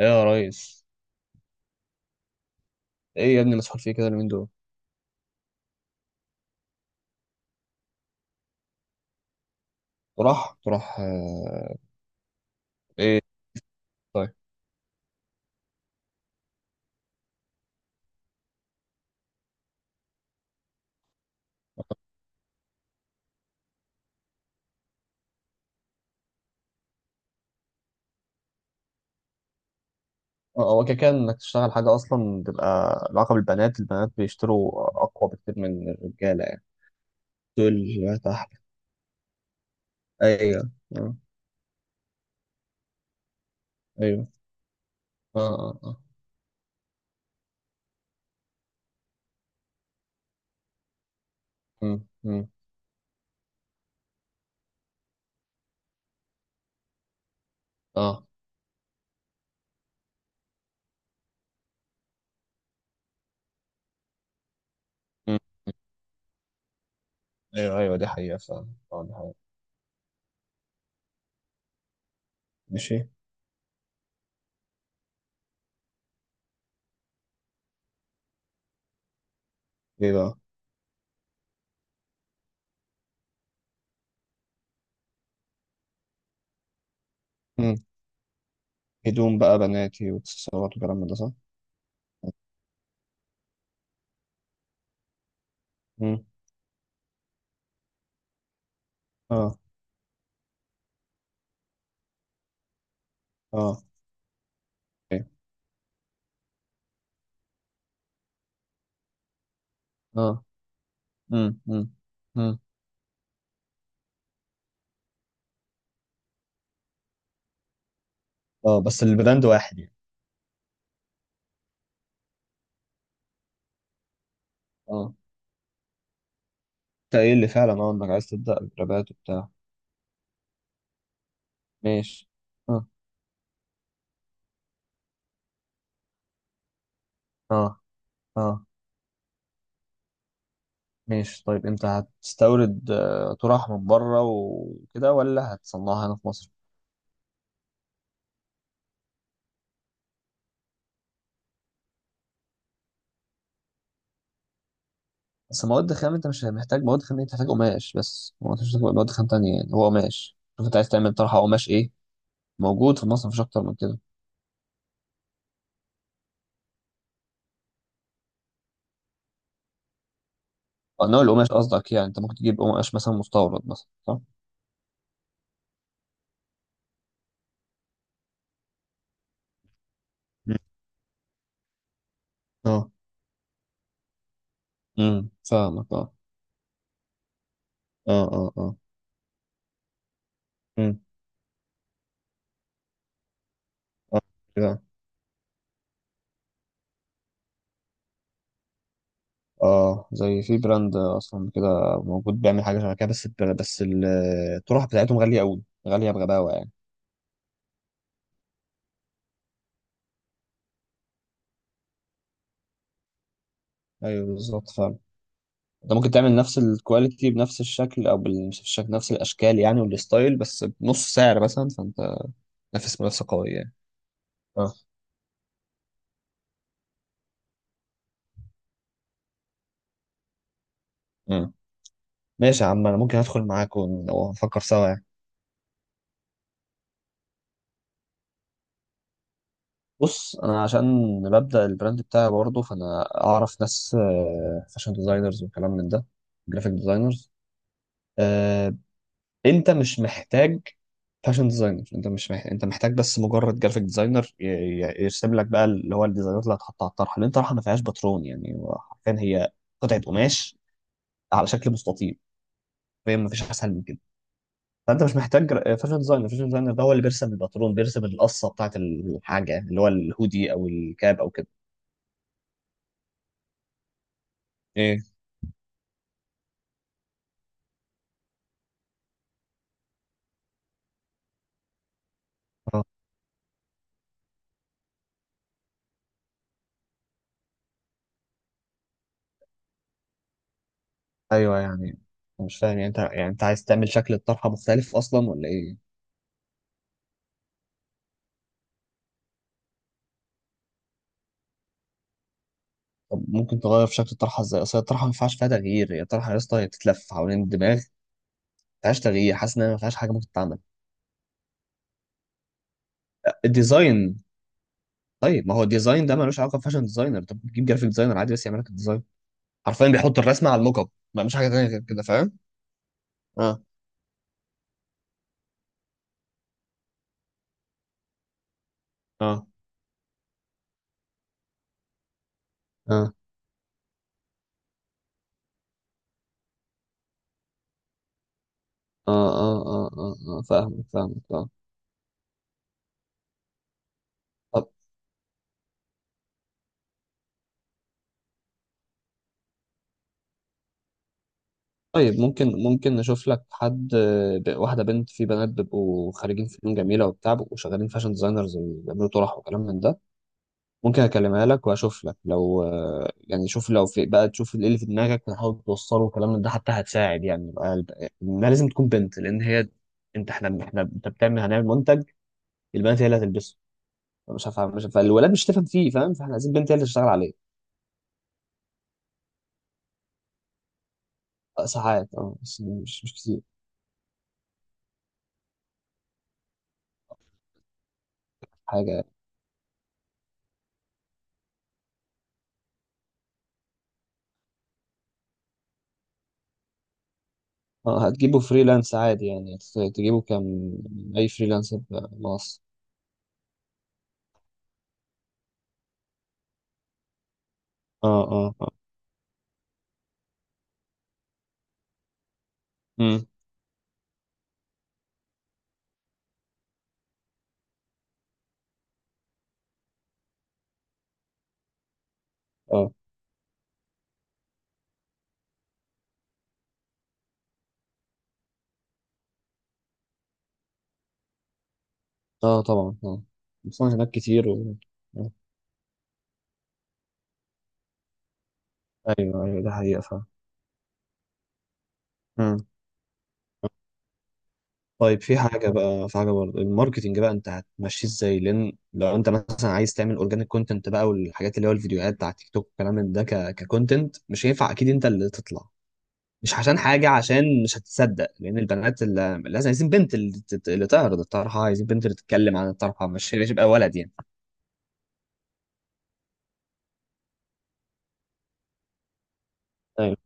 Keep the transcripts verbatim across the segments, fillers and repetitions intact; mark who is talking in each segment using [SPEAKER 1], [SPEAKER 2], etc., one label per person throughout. [SPEAKER 1] ايه يا ريس؟ ايه يا ابني، مسحول فيه كده اليومين دول. تروح تروح آه، ايه؟ طيب. اه، هو كده كده انك تشتغل حاجه اصلا تبقى علاقه بالبنات. البنات بيشتروا اقوى بكتير من الرجاله يعني. دول تحت. ايوه. اه. ايوه. اه. اه. اه. امم. امم. اه. امم. ايوه، ايوه، دي حقيقه فعلا، اه دي حقيقه. ماشي. ايه بقى؟ امم. هدوم بقى بناتي واكسسوارات وكلام من ده، صح؟ امم. اه. اه. ايه. اه. امم. امم. امم. اه، بس البراند واحد يعني؟ اه. انت ايه اللي فعلا، اه انك عايز تبدأ الربات وبتاع. ماشي. اه. اه. اه. ماشي، طيب انت هتستورد آه، طرح من بره وكده ولا هتصنعها هنا في مصر؟ بس مواد خام، انت مش محتاج مواد خام، انت محتاج قماش بس. هو مفيش مواد خام تانية يعني، هو قماش. شوف انت عايز تعمل طرحة قماش ايه موجود في مصر، مفيش اكتر من كده. اه، نوع القماش قصدك يعني. انت ممكن تجيب قماش مثلا مستورد مثلا، صح؟ مم. اه، امم، فاهمك اه. اه، اه، اه. امم. اه. اه، زي في براند اصلا كده موجود بيعمل حاجه شبه كده، بس بس الطرح بتاعتهم غاليه قوي. غاليه بغباوه يعني. ايوه، بالظبط فعلا. انت ممكن تعمل نفس الكواليتي بنفس الشكل، او بال- مش الشكل، نفس الاشكال يعني والستايل، بس بنص سعر مثلا. فانت نافس منافسه قويه يعني. اه. مم. ماشي يا عم، انا ممكن ادخل معاك ون- ونفكر سوا يعني. بص، انا عشان ببدا البراند بتاعي برضه، فانا اعرف ناس فاشن ديزاينرز وكلام من ده، جرافيك ديزاينرز. انت مش محتاج فاشن ديزاينر، انت مش محتاج، انت محتاج بس مجرد جرافيك ديزاينر ي- ي- يرسم لك بقى اللي هو الديزاينات اللي هتحطها على الطرحه، لان الطرحه ما فيهاش باترون يعني. هو حرفيا هي قطعه قماش على شكل مستطيل، فهي ما فيش اسهل من كده. فانت مش محتاج جرا- فاشن ديزاينر. فاشن ديزاينر ده هو اللي بيرسم الباترون، بيرسم القصه بتاعت الحاجه يعني، اللي هو الهودي او الكاب او كده. ايه. اه. ايوه يعني، مش فاهم يعني. انت يعني انت عايز تعمل شكل الطرحه مختلف اصلا ولا ايه؟ طب ممكن تغير في شكل الطرحه ازاي؟ اصل الطرحه ما ينفعش فيها تغيير، هي الطرحه يا اسطى هي بتتلف حوالين الدماغ، ما فيهاش تغيير. حاسس ان هي ما فيهاش حاجه ممكن تتعمل. الديزاين؟ طيب ما هو الديزاين ده ملوش علاقه بفاشن ديزاينر، طب تجيب جرافيك ديزاينر عادي بس يعمل لك الديزاين، حرفيا بيحط الرسمه على الموك اب. ما مش حاجه تانيه غير كده، فاهم. اه. اه. اه. اه. اه. اه. اه. اه، فاهمك، فاهمك، اه. طب، طيب ممكن ممكن نشوف لك حد، آه، ب- واحده بنت. في بنات بيبقوا خارجين فنون جميله وبتاع، بيبقوا شغالين فاشن ديزاينرز وبيعملوا طرح وكلام من ده. ممكن اكلمها لك واشوف لك لو آه، يعني، شوف لو في بقى، تشوف ايه اللي في دماغك وتحاول توصله والكلام من ده حتى هتساعد يعني، بقى بقى- انها لازم تكون بنت لان هي. انت احنا احنا انت بتعمل، هنعمل منتج، البنات هي اللي هتلبسه. مش هفهم مش هفهم الولاد، مش هتفهم فيه، فاهم؟ فاحنا عايزين بنت هي اللي تشتغل عليه. آه، ساعات اه، بس مش مش كتير. حاجه يعني. اه، هتجيبه فريلانس عادي يعني، هت- تجيبه كم؟ اي فريلانس مصر. اه. اه. اه. مم. اه. اه، طبعا. اه، بس هناك كتير و... آه. ايوه، ايوه ده حقيقة فعلا. مم. طيب في حاجة بقى، في حاجة برضه، الماركتينج بقى انت هتمشيه ازاي؟ لان لو انت مثلا عايز تعمل اورجانيك كونتنت بقى والحاجات، اللي هو الفيديوهات بتاع تيك توك والكلام من ده، ك- ككونتنت مش هينفع اكيد انت اللي تطلع، مش عشان حاجة، عشان مش هتصدق. لان البنات اللي لازم، عايزين بنت اللي تت- اللي تعرض الطرحة، عايزين بنت اللي تتكلم عن الطرحة، مش مش يبقى ولد يعني. ايوه.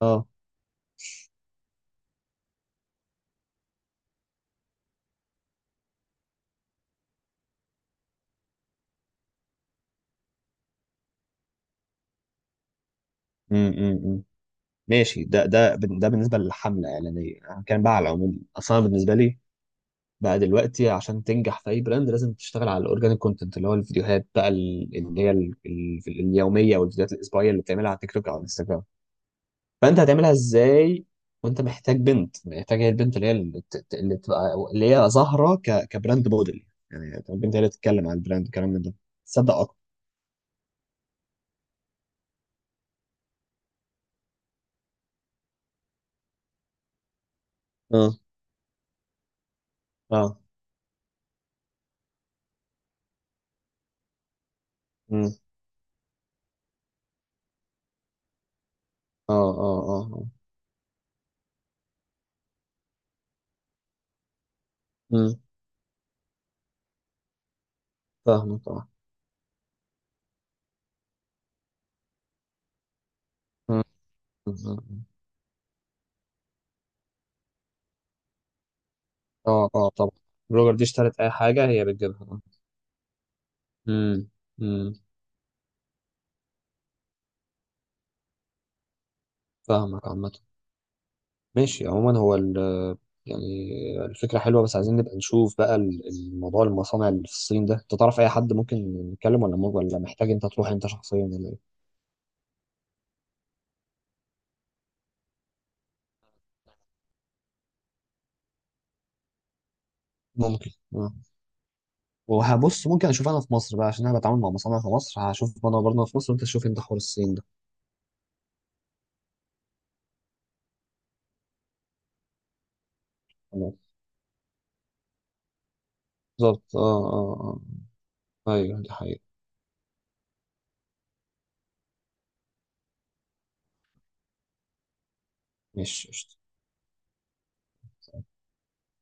[SPEAKER 1] اه. امم. أمم. ماشي، ده ده ده بالنسبة للحملة الإعلانية، أنا هتكلم بقى على العموم أصلا. بالنسبة لي بقى دلوقتي عشان تنجح في اي براند، لازم تشتغل على الاورجانيك كونتنت، اللي هو الفيديوهات بقى ال- اللي هي ال- ال- اليوميه والفيديوهات الاسبوعيه اللي بتعملها على تيك توك او على انستجرام. فانت هتعملها ازاي؟ وانت محتاج بنت، محتاج هي البنت اللي هي اللي ت- اللي تبقى اللي هي ظاهره ك... كبراند موديل يعني، البنت هي اللي تتكلم عن البراند والكلام من ده، تصدق اكتر. اه. اه. مم. اه. اه. اه. اه. مم. فاهمك اه. مم. مم. مم. اه، اه طبعا. بلوجر دي اشترت اي حاجه هي بتجيبها. امم. امم. فاهمك عامه. ماشي عموما، هو ال- يعني الفكرة حلوة، بس عايزين نبقى نشوف بقى ال- الموضوع، المصانع اللي في الصين ده انت تعرف اي حد ممكن نتكلم، ولا ممكن، ولا محتاج انت تروح انت شخصيا ولا ايه؟ ممكن. آه. وهبص، ممكن اشوف انا في مصر بقى عشان انا بتعامل مع مصانع في مصر، هشوف انا برضه في مصر وانت تشوف انت حوار الصين ده. تمام. بالظبط اه. اه. اه، ايوه دي حقيقة. ماشي، قشطة.